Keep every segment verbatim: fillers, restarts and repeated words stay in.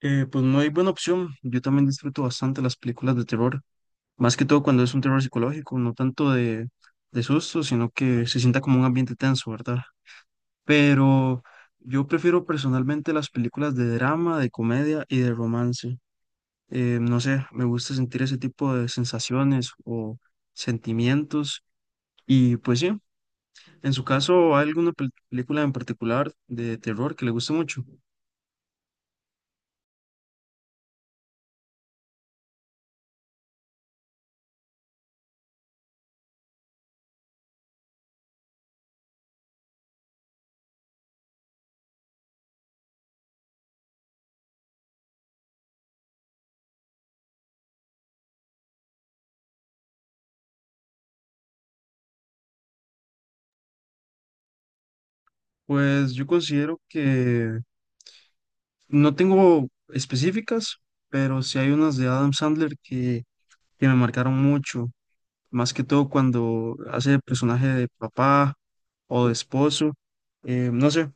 Eh, pues no hay buena opción. Yo también disfruto bastante las películas de terror, más que todo cuando es un terror psicológico, no tanto de, de susto, sino que se sienta como un ambiente tenso, ¿verdad? Pero yo prefiero personalmente las películas de drama, de comedia y de romance. Eh, no sé, me gusta sentir ese tipo de sensaciones o sentimientos. Y pues sí, en su caso, ¿hay alguna pel- película en particular de terror que le guste mucho? Pues yo considero que no tengo específicas, pero sí hay unas de Adam Sandler que, que me marcaron mucho, más que todo cuando hace el personaje de papá o de esposo. Eh, no sé,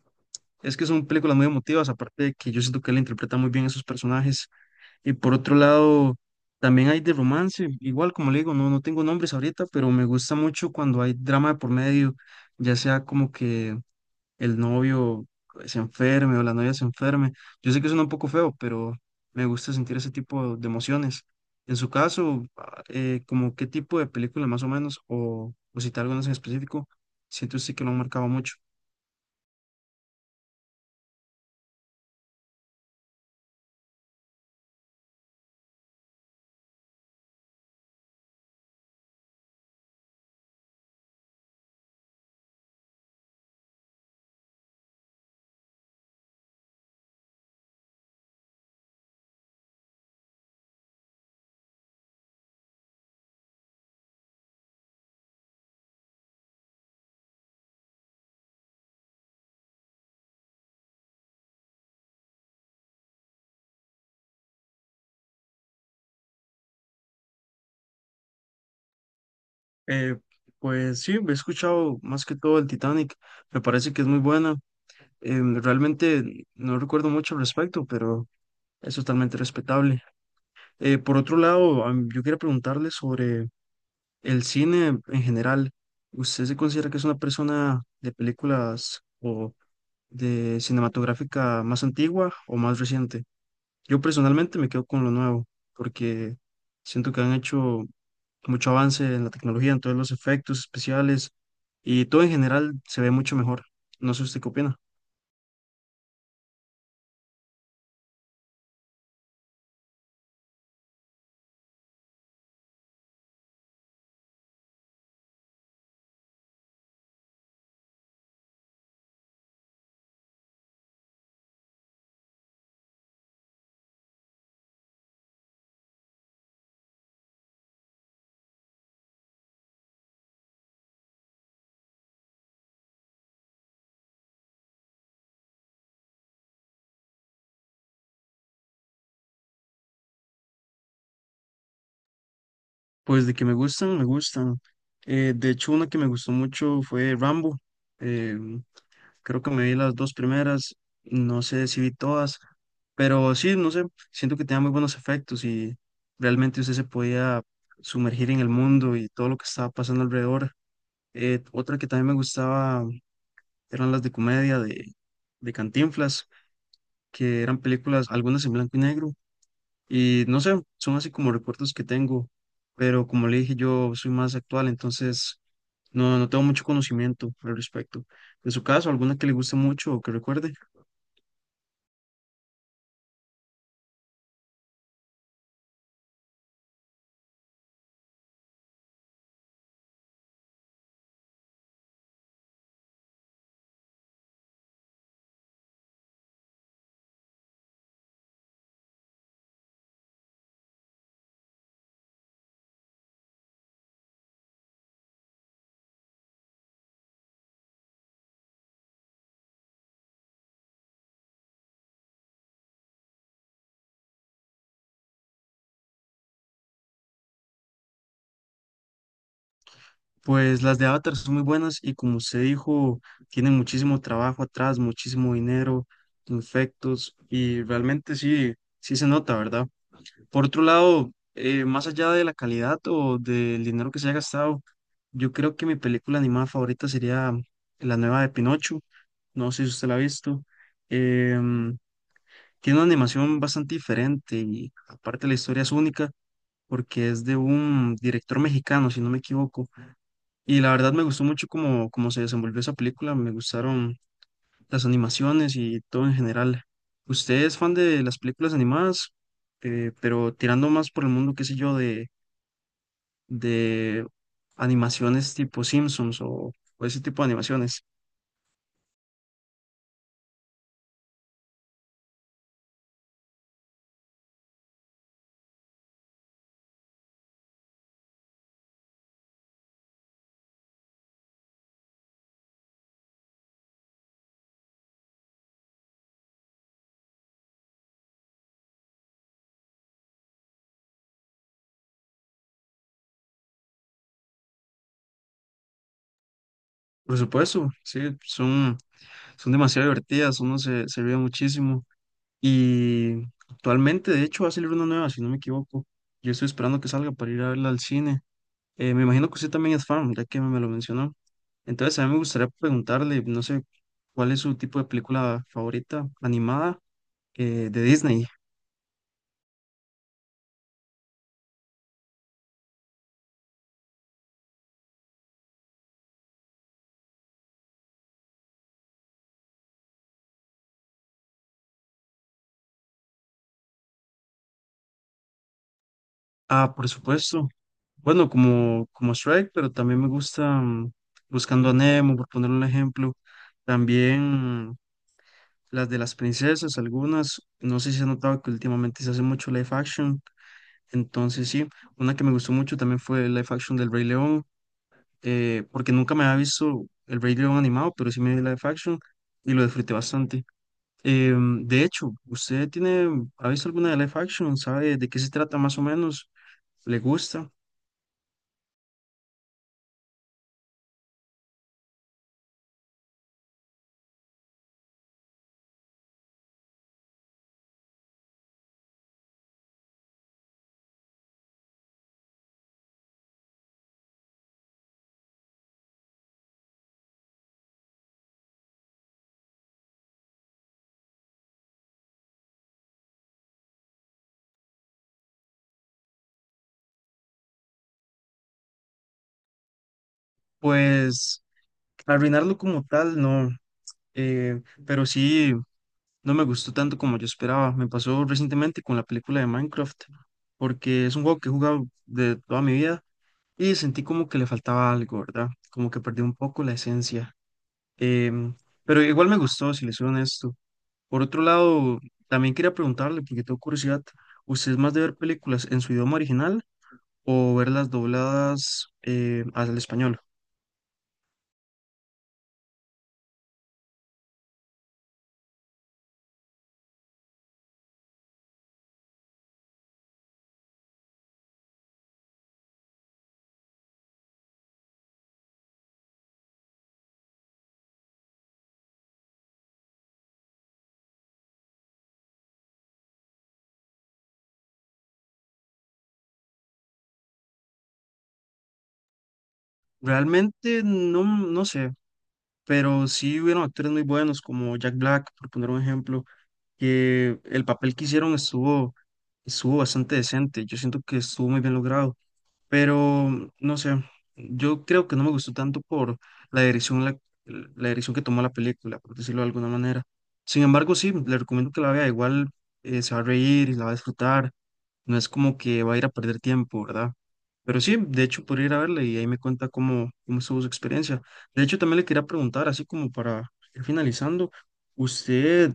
es que son películas muy emotivas, aparte de que yo siento que él interpreta muy bien a esos personajes. Y por otro lado, también hay de romance, igual como le digo, no, no tengo nombres ahorita, pero me gusta mucho cuando hay drama de por medio, ya sea como que el novio se enferme o la novia se enferme. Yo sé que suena un poco feo, pero me gusta sentir ese tipo de emociones. En su caso, ah, eh, ¿como qué tipo de película más o menos, o, o citar algunas en específico, siento usted que lo han marcado mucho? Eh, pues sí, he escuchado más que todo el Titanic, me parece que es muy buena. Em, realmente no recuerdo mucho al respecto, pero es totalmente respetable. Eh, por otro lado, am- yo quería preguntarle sobre el cine en general, ¿usted se considera que es una persona de películas o de cinematográfica más antigua o más reciente? Yo personalmente me quedo con lo nuevo, porque siento que han hecho mucho avance en la tecnología, en todos los efectos especiales y todo en general se ve mucho mejor. No sé usted qué opina. Pues de que me gustan, me gustan. Eh, de hecho, una que me gustó mucho fue Rambo. Creo que me vi las dos primeras, no sé si vi todas, pero sí, no sé, siento que tenía muy buenos efectos y realmente usted se podía sumergir en el mundo y todo lo que estaba pasando alrededor. Eh, otra que también me gustaba eran las de comedia de, de Cantinflas, que eran películas, algunas en blanco y negro, y no sé, son así como recuerdos que tengo, pero como le dije, yo soy más actual, entonces no, no tengo mucho conocimiento al respecto. En su caso, alguna que le guste mucho o que recuerde. Pues las de Avatar son muy buenas y como usted dijo, tienen muchísimo trabajo atrás, muchísimo dinero, efectos y realmente sí, sí se nota, ¿verdad? Por otro lado, eh, más allá de la calidad o del dinero que se haya gastado, yo creo que mi película animada favorita sería la nueva de Pinocho, no sé si usted la ha visto. Em, Tiene una animación bastante diferente y aparte la historia es única porque es de un director mexicano, si no me equivoco. Y la verdad me gustó mucho cómo, cómo se desenvolvió esa película, me gustaron las animaciones y todo en general. ¿Usted es fan de las películas animadas, Eh, pero tirando más por el mundo, qué sé yo, de, de animaciones tipo Simpsons o, o ese tipo de animaciones? Por supuesto, sí, son, son demasiado divertidas, uno se, se ríe muchísimo. Y actualmente, de hecho, va a salir una nueva, si no me equivoco. Yo estoy esperando que salga para ir a verla al cine. Eh, me imagino que usted también es fan, ya que me lo mencionó. Entonces, a mí me gustaría preguntarle, no sé, ¿cuál es su tipo de película favorita animada eh, de Disney? Ah, por supuesto. Bueno, como, como Shrek, pero también me gusta mm, Buscando a Nemo, por poner un ejemplo. También mm, las de las princesas, algunas. No sé si ha notado que últimamente se hace mucho live action. Entonces, sí, una que me gustó mucho también fue el live action del Rey León. Eh, porque nunca me había visto el Rey León animado, pero sí me vi live action y lo disfruté bastante. Em, de hecho, ¿usted tiene, ha visto alguna de live action? ¿Sabe de qué se trata más o menos? ¿Le gusta? Pues arruinarlo como tal, no, eh, pero sí, no me gustó tanto como yo esperaba. Me pasó recientemente con la película de Minecraft, porque es un juego que he jugado de toda mi vida y sentí como que le faltaba algo, ¿verdad? Como que perdí un poco la esencia. Em, pero igual me gustó, si les soy honesto. Por otro lado, también quería preguntarle, porque tengo curiosidad, ¿usted es más de ver películas en su idioma original o verlas dobladas eh, al español? Realmente no, no sé, pero sí hubieron actores muy buenos como Jack Black, por poner un ejemplo, que el papel que hicieron estuvo, estuvo bastante decente. Yo siento que estuvo muy bien logrado. Pero no sé, yo creo que no me gustó tanto por la dirección, la, la dirección que tomó la película, por decirlo de alguna manera. Sin embargo, sí, le recomiendo que la vea, igual eh, se va a reír y la va a disfrutar, no es como que va a ir a perder tiempo, ¿verdad? Pero sí, de hecho, podría ir a verla y ahí me cuenta cómo, cómo estuvo su experiencia. De hecho, también le quería preguntar, así como para ir finalizando, ¿usted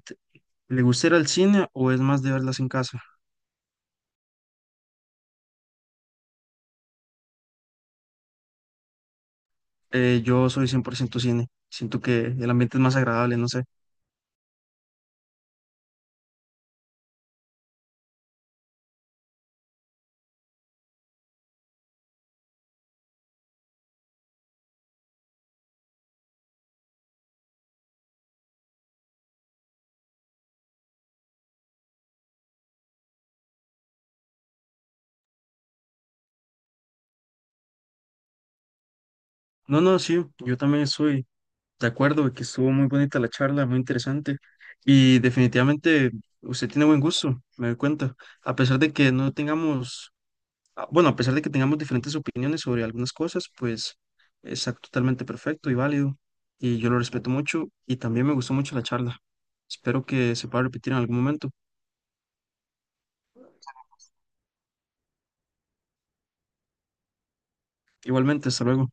le gusta ir al cine o es más de verlas en casa? Eh, yo soy cien por ciento cine, siento que el ambiente es más agradable, no sé. No, no, sí, yo también estoy de acuerdo de que estuvo muy bonita la charla, muy interesante y definitivamente usted tiene buen gusto, me doy cuenta, a pesar de que no tengamos, ah, bueno, a pesar de que tengamos diferentes opiniones sobre algunas cosas, pues es ac- totalmente perfecto y válido y yo lo respeto mucho y también me gustó mucho la charla. Espero que se pueda repetir en algún momento. Igualmente, hasta luego.